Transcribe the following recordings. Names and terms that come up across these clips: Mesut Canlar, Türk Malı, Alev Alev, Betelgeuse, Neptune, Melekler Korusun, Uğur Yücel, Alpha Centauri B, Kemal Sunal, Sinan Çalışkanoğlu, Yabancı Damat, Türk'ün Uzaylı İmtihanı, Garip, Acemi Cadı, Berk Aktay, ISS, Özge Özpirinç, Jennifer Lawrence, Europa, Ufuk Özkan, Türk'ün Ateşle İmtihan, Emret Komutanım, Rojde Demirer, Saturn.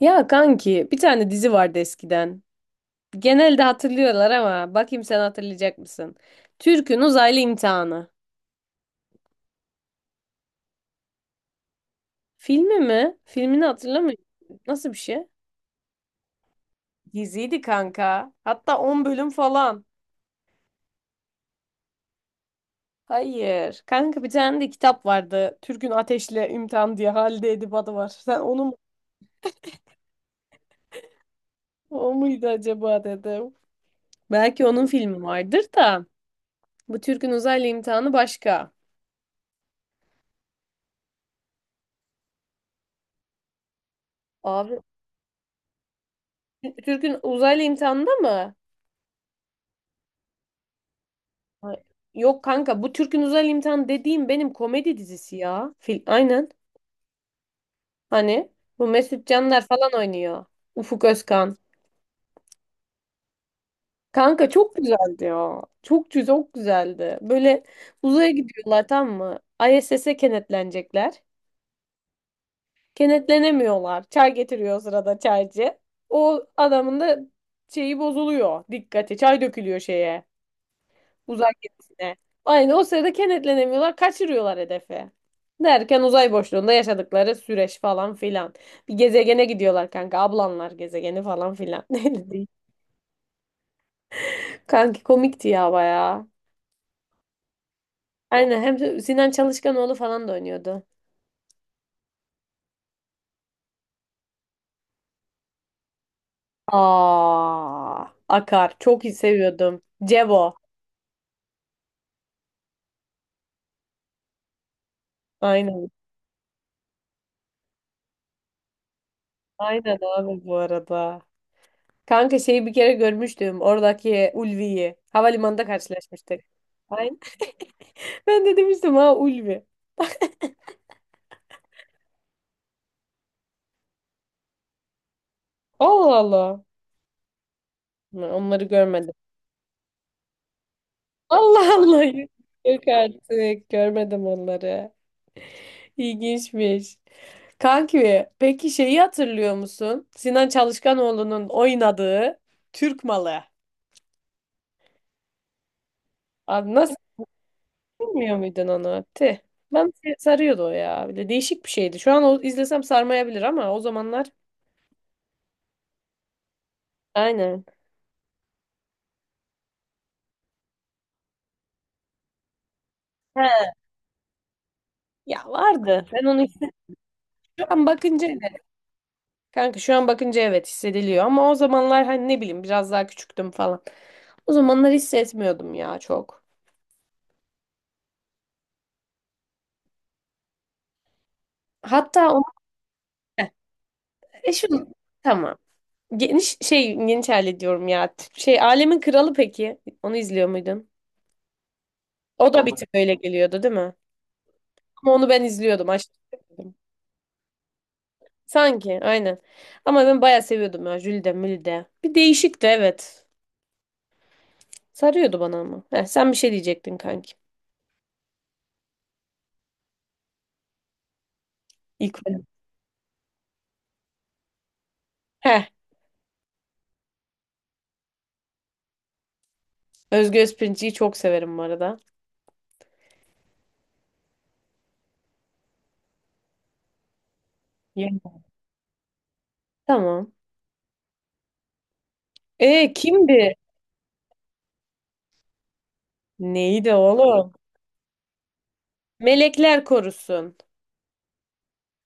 Ya kanki bir tane dizi vardı eskiden. Genelde hatırlıyorlar ama bakayım sen hatırlayacak mısın? Türk'ün Uzaylı İmtihanı. Filmi mi? Filmini hatırlamıyorum. Nasıl bir şey? Diziydi kanka. Hatta 10 bölüm falan. Hayır. Kanka bir tane de kitap vardı. Türk'ün Ateşle İmtihan diye Halide Edip adı var. Sen onu mu? O muydu acaba dedim. Belki onun filmi vardır da. Bu Türk'ün Uzaylı İmtihanı başka. Abi Türk'ün Uzaylı İmtihanı'nda mı? Ha, yok kanka bu Türk'ün Özel imtihanı dediğim benim komedi dizisi ya. Aynen. Hani bu Mesut Canlar falan oynuyor. Ufuk Özkan. Kanka çok güzeldi ya. Çok güzel, çok güzeldi. Böyle uzaya gidiyorlar tamam mı? ISS'e kenetlenecekler. Kenetlenemiyorlar. Çay getiriyor o sırada çaycı. O adamın da şeyi bozuluyor. Dikkati. Çay dökülüyor şeye. Uzay gemisine. Aynı o sırada kenetlenemiyorlar, kaçırıyorlar hedefi. Derken uzay boşluğunda yaşadıkları süreç falan filan. Bir gezegene gidiyorlar kanka. Ablanlar gezegeni falan filan. Neydi değil. Kanki komikti ya bayağı. Aynen hem de Sinan Çalışkanoğlu falan da oynuyordu. Aa, Akar. Çok iyi seviyordum. Cevo. Aynen. Aynen abi bu arada. Kanka şeyi bir kere görmüştüm. Oradaki Ulvi'yi. Havalimanında karşılaşmıştık. Aynen. Ben de demiştim ha Ulvi. Allah Allah. Ben onları görmedim. Allah Allah. Yok artık. Görmedim onları. İlginçmiş. Kanki, peki şeyi hatırlıyor musun? Sinan Çalışkanoğlu'nun oynadığı Türk Malı. Abi nasıl bilmiyor muydun onu? Tih. Ben sarıyordu o ya. Bir de değişik bir şeydi. Şu an o izlesem sarmayabilir ama o zamanlar aynen. He. Ya vardı. Ben onu şu an bakınca evet. Kanka şu an bakınca evet hissediliyor ama o zamanlar hani ne bileyim biraz daha küçüktüm falan. O zamanlar hissetmiyordum ya çok. Hatta onu şu tamam. Geniş aile diyorum ya. Şey alemin kralı peki. Onu izliyor muydun? O da bir tık öyle geliyordu değil mi? Ama onu ben izliyordum. Aşırı seviyordum. Sanki aynen. Ama ben bayağı seviyordum ya. Jülide Mülide. Bir değişikti evet. Sarıyordu bana ama. Heh, sen bir şey diyecektin kanki. İlk önce. Heh. Özge Özpirinç'i çok severim bu arada. Yani. Tamam. E kimdi? Neydi oğlum? Melekler korusun.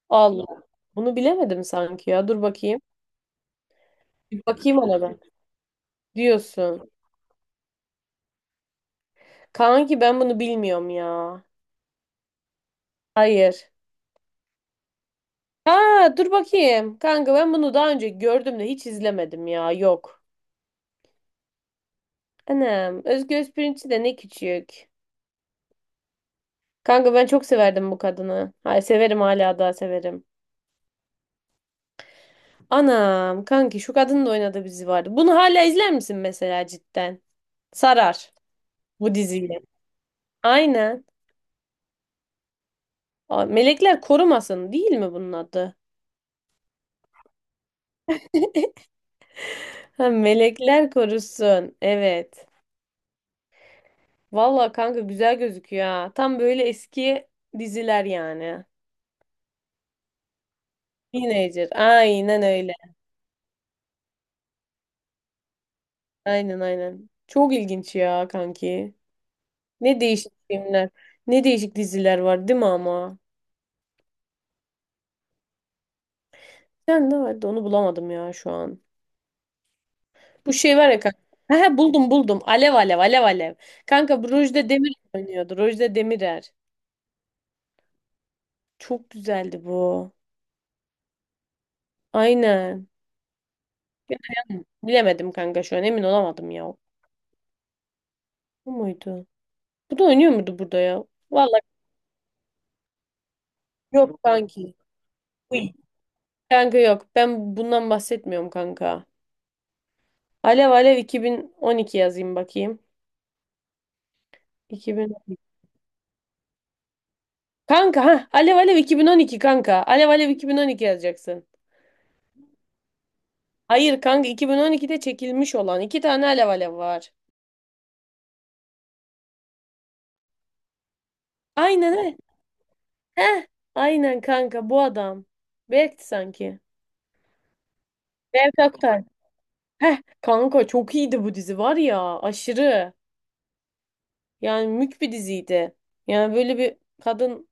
Allah. Bunu bilemedim sanki ya. Dur bakayım. Bir bakayım ona ben. Diyorsun. Kanki ben bunu bilmiyorum ya. Hayır. Ha dur bakayım. Kanka ben bunu daha önce gördüm de hiç izlemedim ya. Yok. Anam. Özgür Özpirinççi de ne küçük. Kanka ben çok severdim bu kadını. Hayır severim hala daha severim. Anam kanki şu kadının da oynadığı bir dizi vardı. Bunu hala izler misin mesela cidden? Sarar bu diziyi. Aynen. Aa, Melekler Korumasın değil mi bunun adı? Ha, melekler korusun. Evet. Valla kanka güzel gözüküyor ha. Tam böyle eski diziler yani. Teenager. Aynen öyle. Aynen aynen. Çok ilginç ya kanki. Ne değişik filmler. Ne değişik diziler var değil mi ama? Sen de vardı onu bulamadım ya şu an. Bu şey var ya kanka. He he, buldum buldum. Alev alev alev alev. Kanka bu Rojde Demir oynuyordu. Rojde Demirer. Çok güzeldi bu. Aynen. Bilemedim kanka şu an emin olamadım ya. Bu muydu? Bu da oynuyor muydu burada ya? Vallahi yok kanki. Uy. Kanka yok. Ben bundan bahsetmiyorum kanka. Alev Alev 2012 yazayım bakayım. 2012. Kanka ha Alev Alev 2012 kanka. Alev Alev 2012 yazacaksın. Hayır kanka 2012'de çekilmiş olan iki tane Alev Alev var. Aynen he. Heh. Aynen kanka bu adam. Berk'ti sanki. Berk Aktay. Heh. Kanka çok iyiydi bu dizi var ya aşırı. Yani mük bir diziydi. Yani böyle bir kadın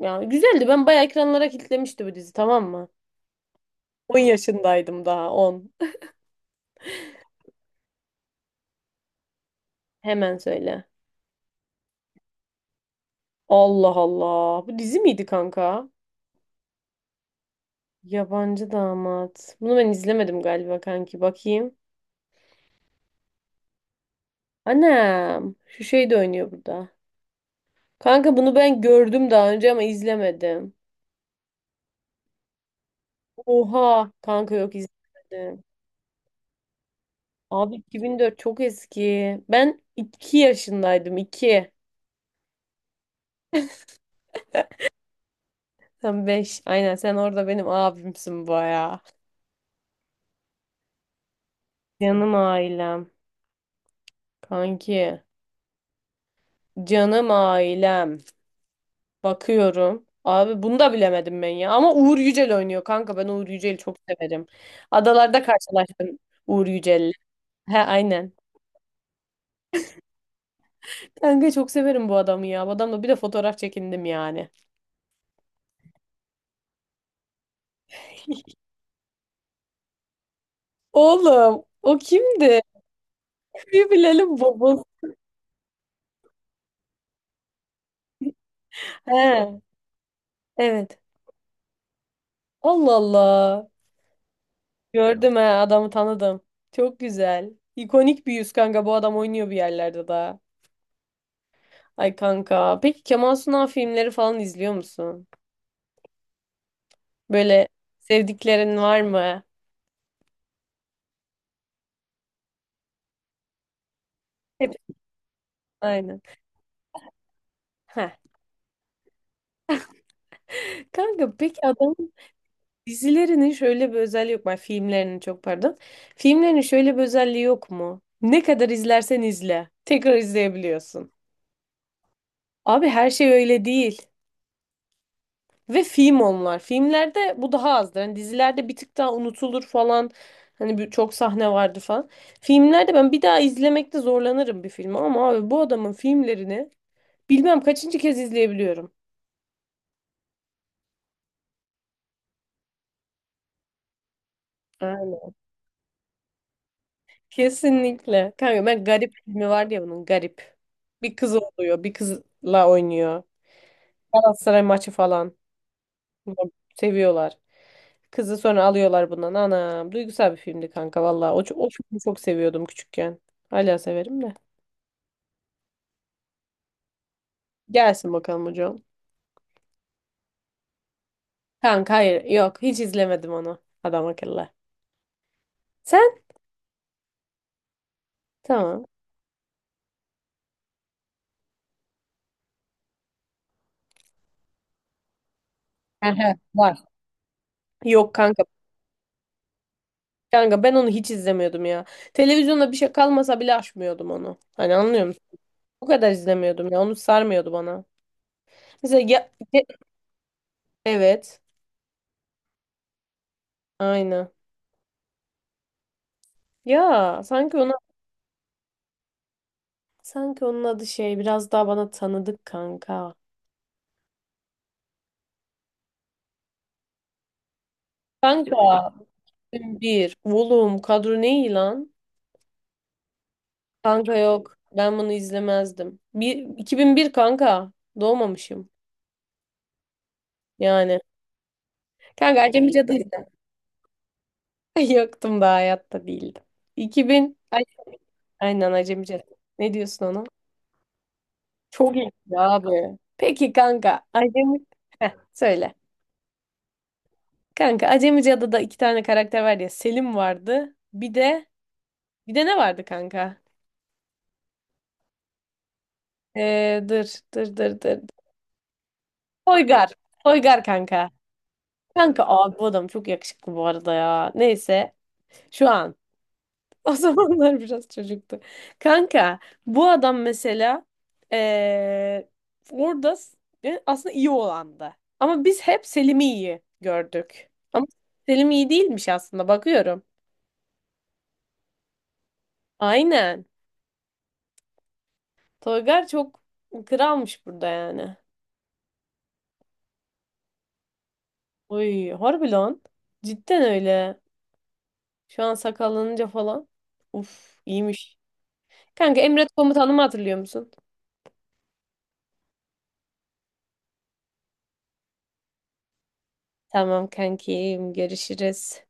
yani güzeldi. Ben bayağı ekranlara kilitlemişti bu dizi tamam mı? 10 yaşındaydım daha 10. Hemen söyle. Allah Allah. Bu dizi miydi kanka? Yabancı damat. Bunu ben izlemedim galiba kanki. Bakayım. Anam. Şu şey de oynuyor burada. Kanka bunu ben gördüm daha önce ama izlemedim. Oha. Kanka yok izlemedim. Abi 2004 çok eski. Ben 2 yaşındaydım 2. Sen beş. Aynen sen orada benim abimsin baya. Canım ailem. Kanki. Canım ailem. Bakıyorum. Abi bunu da bilemedim ben ya. Ama Uğur Yücel oynuyor kanka. Ben Uğur Yücel'i çok severim. Adalarda karşılaştım Uğur Yücel'le. He aynen. Kanka çok severim bu adamı ya. Bu adamla bir de fotoğraf çekindim yani. Oğlum o kimdi? Bir bilelim babam. He evet. Allah Allah. Gördüm ha adamı tanıdım. Çok güzel. İkonik bir yüz kanka bu adam oynuyor bir yerlerde daha. Ay kanka. Peki Kemal Sunal filmleri falan izliyor musun? Böyle sevdiklerin var mı? Hep aynen. Heh. Kanka peki adamın dizilerinin şöyle bir özelliği yok mu? Ay, filmlerinin çok pardon. Filmlerinin şöyle bir özelliği yok mu? Ne kadar izlersen izle. Tekrar izleyebiliyorsun. Abi her şey öyle değil. Ve film onlar. Filmlerde bu daha azdır. Hani dizilerde bir tık daha unutulur falan. Hani çok sahne vardı falan. Filmlerde ben bir daha izlemekte zorlanırım bir filmi ama abi bu adamın filmlerini bilmem kaçıncı kez izleyebiliyorum. Aynen. Kesinlikle. Kanka ben Garip filmi var ya bunun Garip. Bir kız oluyor, bir kızla oynuyor. Galatasaray maçı falan. Bunu seviyorlar. Kızı sonra alıyorlar bundan. Anam duygusal bir filmdi kanka valla. O filmi çok seviyordum küçükken. Hala severim de. Gelsin bakalım hocam. Kanka hayır. Yok hiç izlemedim onu. Adam akıllı. Sen? Tamam. Ehe, var. Yok kanka. Kanka ben onu hiç izlemiyordum ya. Televizyonda bir şey kalmasa bile açmıyordum onu. Hani anlıyor musun? O kadar izlemiyordum ya. Onu sarmıyordu bana. Mesela ya... Evet. Aynen. Ya sanki ona sanki onun adı şey biraz daha bana tanıdık kanka. Kanka. Bir. Oğlum kadro ne iyi lan? Kanka yok. Ben bunu izlemezdim. Bir, 2001 kanka. Doğmamışım. Yani. Kanka Acemi Cadı izle. Yoktum da hayatta değildim. 2000. Ay, aynen Acemi Cadı. Ne diyorsun ona? Çok iyi abi. Peki kanka. Acemi. Heh, söyle. Kanka Acemi Cadı'da iki tane karakter var ya. Selim vardı. Bir de ne vardı kanka? Dır dır dır dır. Toygar. Toygar kanka. Kanka abi bu adam çok yakışıklı bu arada ya. Neyse. Şu an. O zamanlar biraz çocuktu. Kanka bu adam mesela eee, orada aslında iyi olandı. Ama biz hep Selim'i iyi gördük. Ama Selim iyi değilmiş aslında bakıyorum. Aynen. Toygar çok kralmış burada yani. Oy harbi lan. Cidden öyle. Şu an sakallanınca falan. Uf iyiymiş. Kanka Emret komutanımı hatırlıyor musun? Tamam kankim görüşürüz.